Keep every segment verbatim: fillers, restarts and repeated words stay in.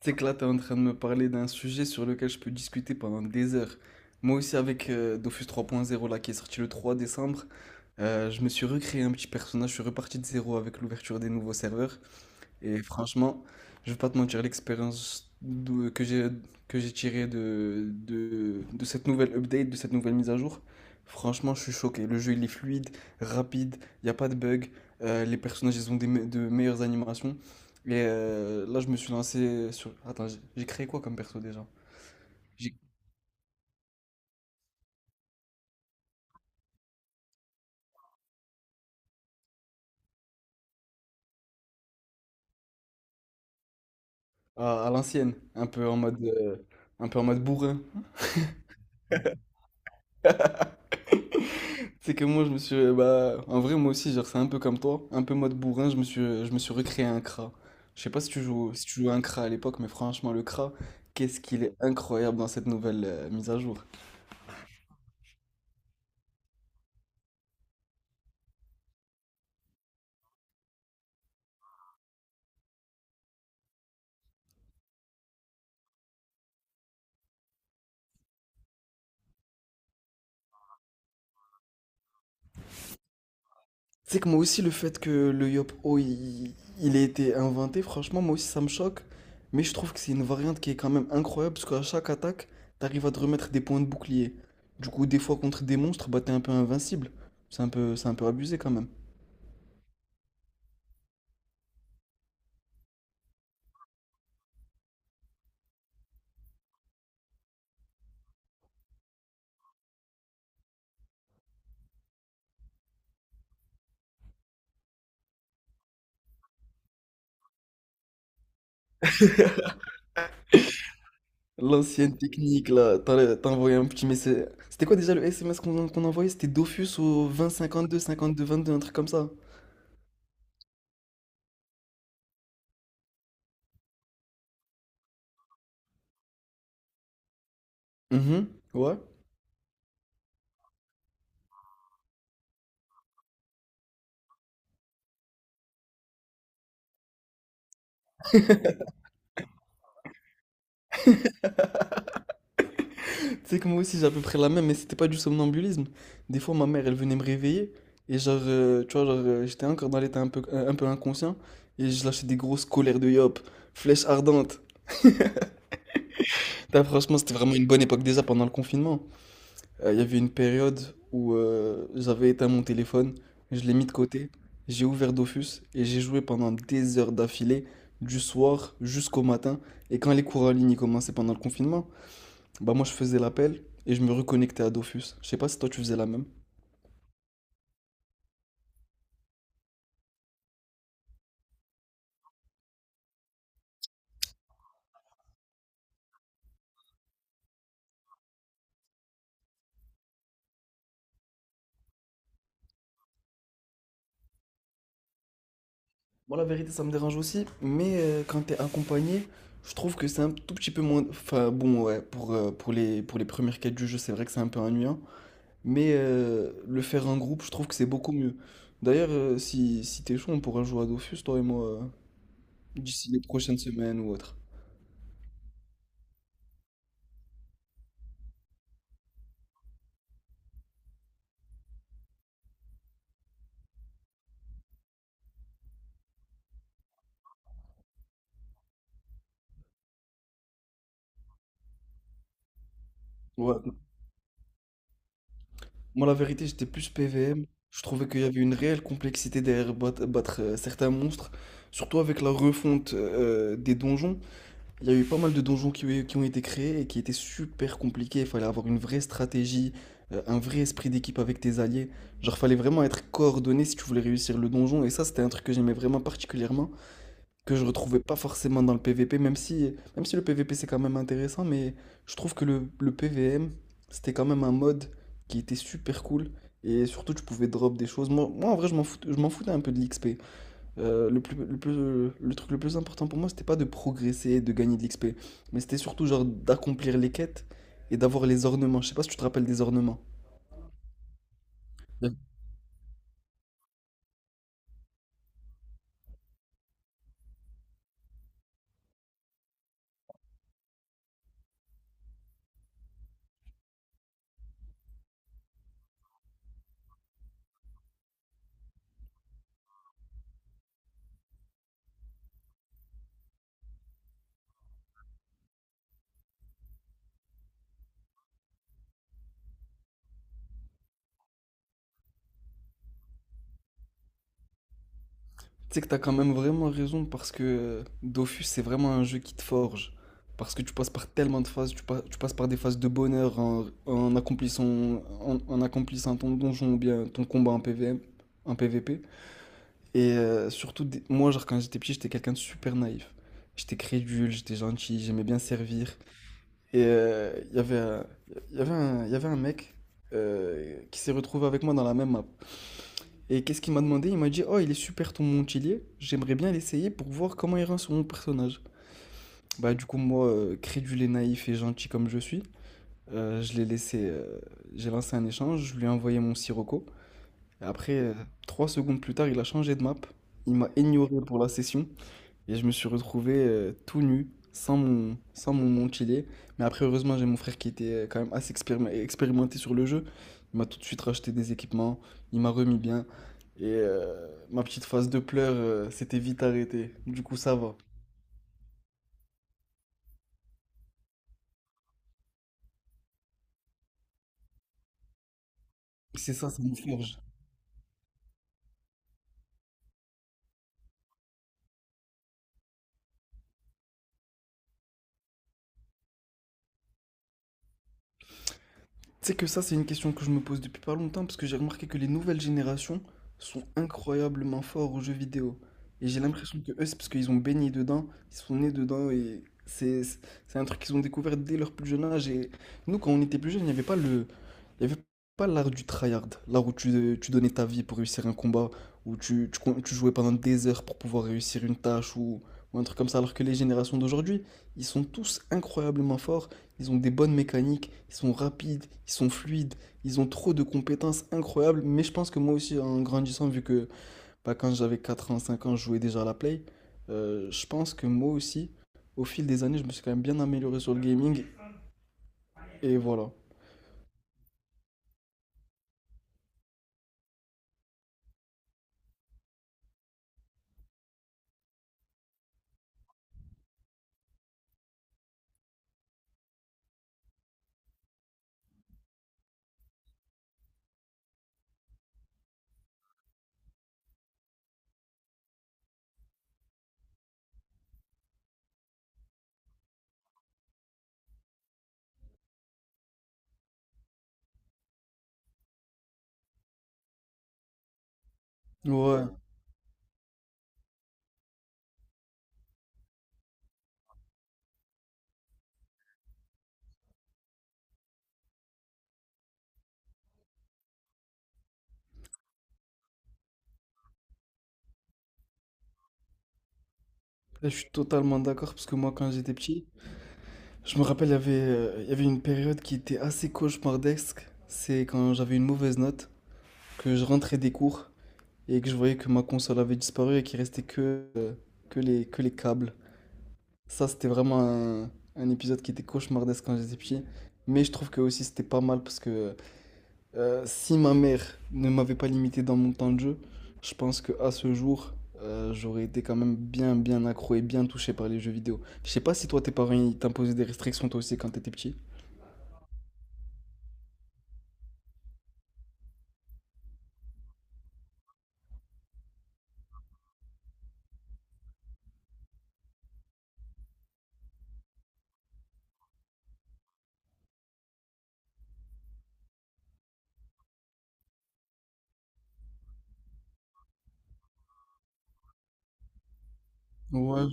Tu sais que là, tu es en train de me parler d'un sujet sur lequel je peux discuter pendant des heures. Moi aussi, avec euh, Dofus trois point zéro, là, qui est sorti le trois décembre, euh, je me suis recréé un petit personnage, je suis reparti de zéro avec l'ouverture des nouveaux serveurs. Et franchement, je vais pas te mentir, l'expérience d'où- que j'ai que j'ai tirée de, de, de cette nouvelle update, de cette nouvelle mise à jour, franchement, je suis choqué. Le jeu, il est fluide, rapide, il n'y a pas de bug, euh, les personnages, ils ont des me- de meilleures animations. Et euh, là, je me suis lancé sur... Attends, j'ai j'ai créé quoi comme perso déjà? J'ai- À, à l'ancienne, un peu en mode, euh, un peu en mode bourrin. C'est que moi, je me suis. Bah, en vrai, moi aussi, genre, c'est un peu comme toi. Un peu mode bourrin, je me suis, je me suis recréé un C R A. Je sais pas si tu joues, si tu jouais un C R A à l'époque, mais franchement, le C R A, qu'est-ce qu'il est incroyable dans cette nouvelle euh, mise à jour. C'est que moi aussi, le fait que le o il, il ait été inventé, franchement, moi aussi, ça me choque. Mais je trouve que c'est une variante qui est quand même incroyable, parce qu'à chaque attaque, t'arrives à te remettre des points de bouclier. Du coup, des fois, contre des monstres, bah, t'es un peu invincible. C'est un peu, c'est un peu abusé quand même. L'ancienne technique, là, t'as t'as envoyé un petit message. C'était quoi déjà le S M S qu'on qu'on envoyait? C'était Dofus au vingt cinquante deux cinquante deux vingt deux, un truc comme ça. Mhm, ouais. Tu sais que moi aussi j'ai à peu près la même, mais c'était pas du somnambulisme. Des fois ma mère elle venait me réveiller et genre, euh, tu vois, genre euh, j'étais encore dans l'état un peu, un, un peu inconscient et je lâchais des grosses colères de yop, flèche ardente. Putain, franchement c'était vraiment une bonne époque déjà pendant le confinement. Euh, Il y avait une période où euh, j'avais éteint mon téléphone, je l'ai mis de côté, j'ai ouvert Dofus et j'ai joué pendant des heures d'affilée, du soir jusqu'au matin. Et quand les cours en ligne ils commençaient pendant le confinement, bah moi je faisais l'appel et je me reconnectais à Dofus. Je sais pas si toi tu faisais la même. Bon, la vérité, ça me dérange aussi, mais euh, quand t'es accompagné, je trouve que c'est un tout petit peu moins. Enfin, bon, ouais, pour, euh, pour les, pour les premières quêtes du jeu, c'est vrai que c'est un peu ennuyant. Mais euh, le faire en groupe, je trouve que c'est beaucoup mieux. D'ailleurs, euh, si, si t'es chaud, on pourra jouer à Dofus, toi et moi, euh, d'ici les prochaines semaines ou autre. Ouais. Moi, la vérité, j'étais plus P V M. Je trouvais qu'il y avait une réelle complexité derrière battre, battre, euh, certains monstres. Surtout avec la refonte euh, des donjons. Il y a eu pas mal de donjons qui, ont- qui ont été créés et qui étaient super compliqués. Il fallait avoir une vraie stratégie, euh, un vrai esprit d'équipe avec tes alliés. Genre, fallait vraiment être coordonné si tu voulais réussir le donjon. Et ça, c'était un truc que j'aimais vraiment particulièrement, que je retrouvais pas forcément dans le P V P, même si, même si le P V P c'est quand même intéressant, mais je trouve que le, le P V M, c'était quand même un mode qui était super cool. Et surtout, tu pouvais drop des choses. Moi, moi, en vrai, je m'en foutais, je m'en foutais un peu de l'X P. Euh, le, plus, le, plus- le truc le plus important pour moi, c'était pas de progresser, de gagner de l'X P. Mais c'était surtout genre d'accomplir les quêtes et d'avoir les ornements. Je sais pas si tu te rappelles des ornements. Tu sais que t'as quand même vraiment raison parce que euh, Dofus, c'est vraiment un jeu qui te forge. Parce que tu passes par tellement de phases, tu, pa- tu passes par des phases de bonheur en, en accomplissant, en, en accomplissant ton donjon ou bien ton combat en P V M, en P V P. Et euh, surtout, des- moi, genre, quand j'étais petit, j'étais quelqu'un de super naïf. J'étais crédule, j'étais gentil, j'aimais bien servir. Et euh, il y avait, un- il y avait un, il y avait un mec euh, qui s'est retrouvé avec moi dans la même map. Et qu'est-ce qu'il m'a demandé? Il m'a dit: Oh, il est super ton Montpellier, j'aimerais bien l'essayer pour voir comment il rend sur mon personnage. Bah, du coup, moi, euh, crédule et naïf et gentil comme je suis, euh, je l'ai laissé. euh, J'ai lancé un échange, je lui ai envoyé mon Sirocco. Et après, euh, trois secondes plus tard, il a changé de map. Il m'a ignoré pour la session. Et je me suis retrouvé euh, tout nu, sans mon, sans mon mantillet. Mais après, heureusement, j'ai mon frère qui était euh, quand même assez expérime- expérimenté sur le jeu. Il m'a tout de suite racheté des équipements, il m'a remis bien. Et euh, ma petite phase de pleurs euh, s'était vite arrêtée. Du coup, ça va. C'est ça, ça me forge. Tu sais que ça, c'est une question que je me pose depuis pas longtemps parce que j'ai remarqué que les nouvelles générations sont incroyablement forts aux jeux vidéo. Et j'ai l'impression que eux, c'est parce qu'ils ont baigné dedans, ils sont nés dedans et c'est c'est c'est un truc qu'ils ont découvert dès leur plus jeune âge. Et nous, quand on était plus jeunes, il n'y avait pas le, il y avait pas l'art du tryhard, l'art où tu, tu donnais ta vie pour réussir un combat, où tu, tu, con- tu jouais pendant des heures pour pouvoir réussir une tâche ou, ou un truc comme ça. Alors que les générations d'aujourd'hui, ils sont tous incroyablement forts. Ils ont des bonnes mécaniques, ils sont rapides, ils sont fluides, ils ont trop de compétences incroyables. Mais je pense que moi aussi, en grandissant, vu que bah, quand j'avais quatre ans, cinq ans, je jouais déjà à la Play, euh, je pense que moi aussi, au fil des années, je me suis quand même bien amélioré sur le gaming. Et voilà. Ouais, là, je suis totalement d'accord, parce que moi, quand j'étais petit, je me rappelle, il y avait, euh, il y avait une période qui était assez cauchemardesque. C'est quand j'avais une mauvaise note, que je rentrais des cours et que je voyais que ma console avait disparu et qu'il restait que, euh, que les, que les câbles. Ça, c'était vraiment un, un épisode qui était cauchemardesque quand j'étais petit. Mais je trouve que aussi c'était pas mal parce que euh, si ma mère ne m'avait pas limité dans mon temps de jeu, je pense que à ce jour, euh, j'aurais été quand même bien, bien accro et bien touché par les jeux vidéo. Je sais pas si toi, tes parents, ils t'imposaient des restrictions toi aussi quand t'étais petit. Ouais,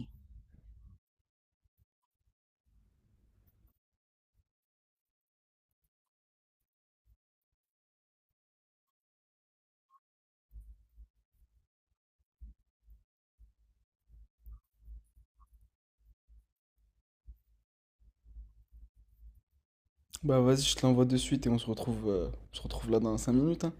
bah vas-y, je te l'envoie de suite et on se retrouve, euh, on se retrouve là dans cinq minutes, hein.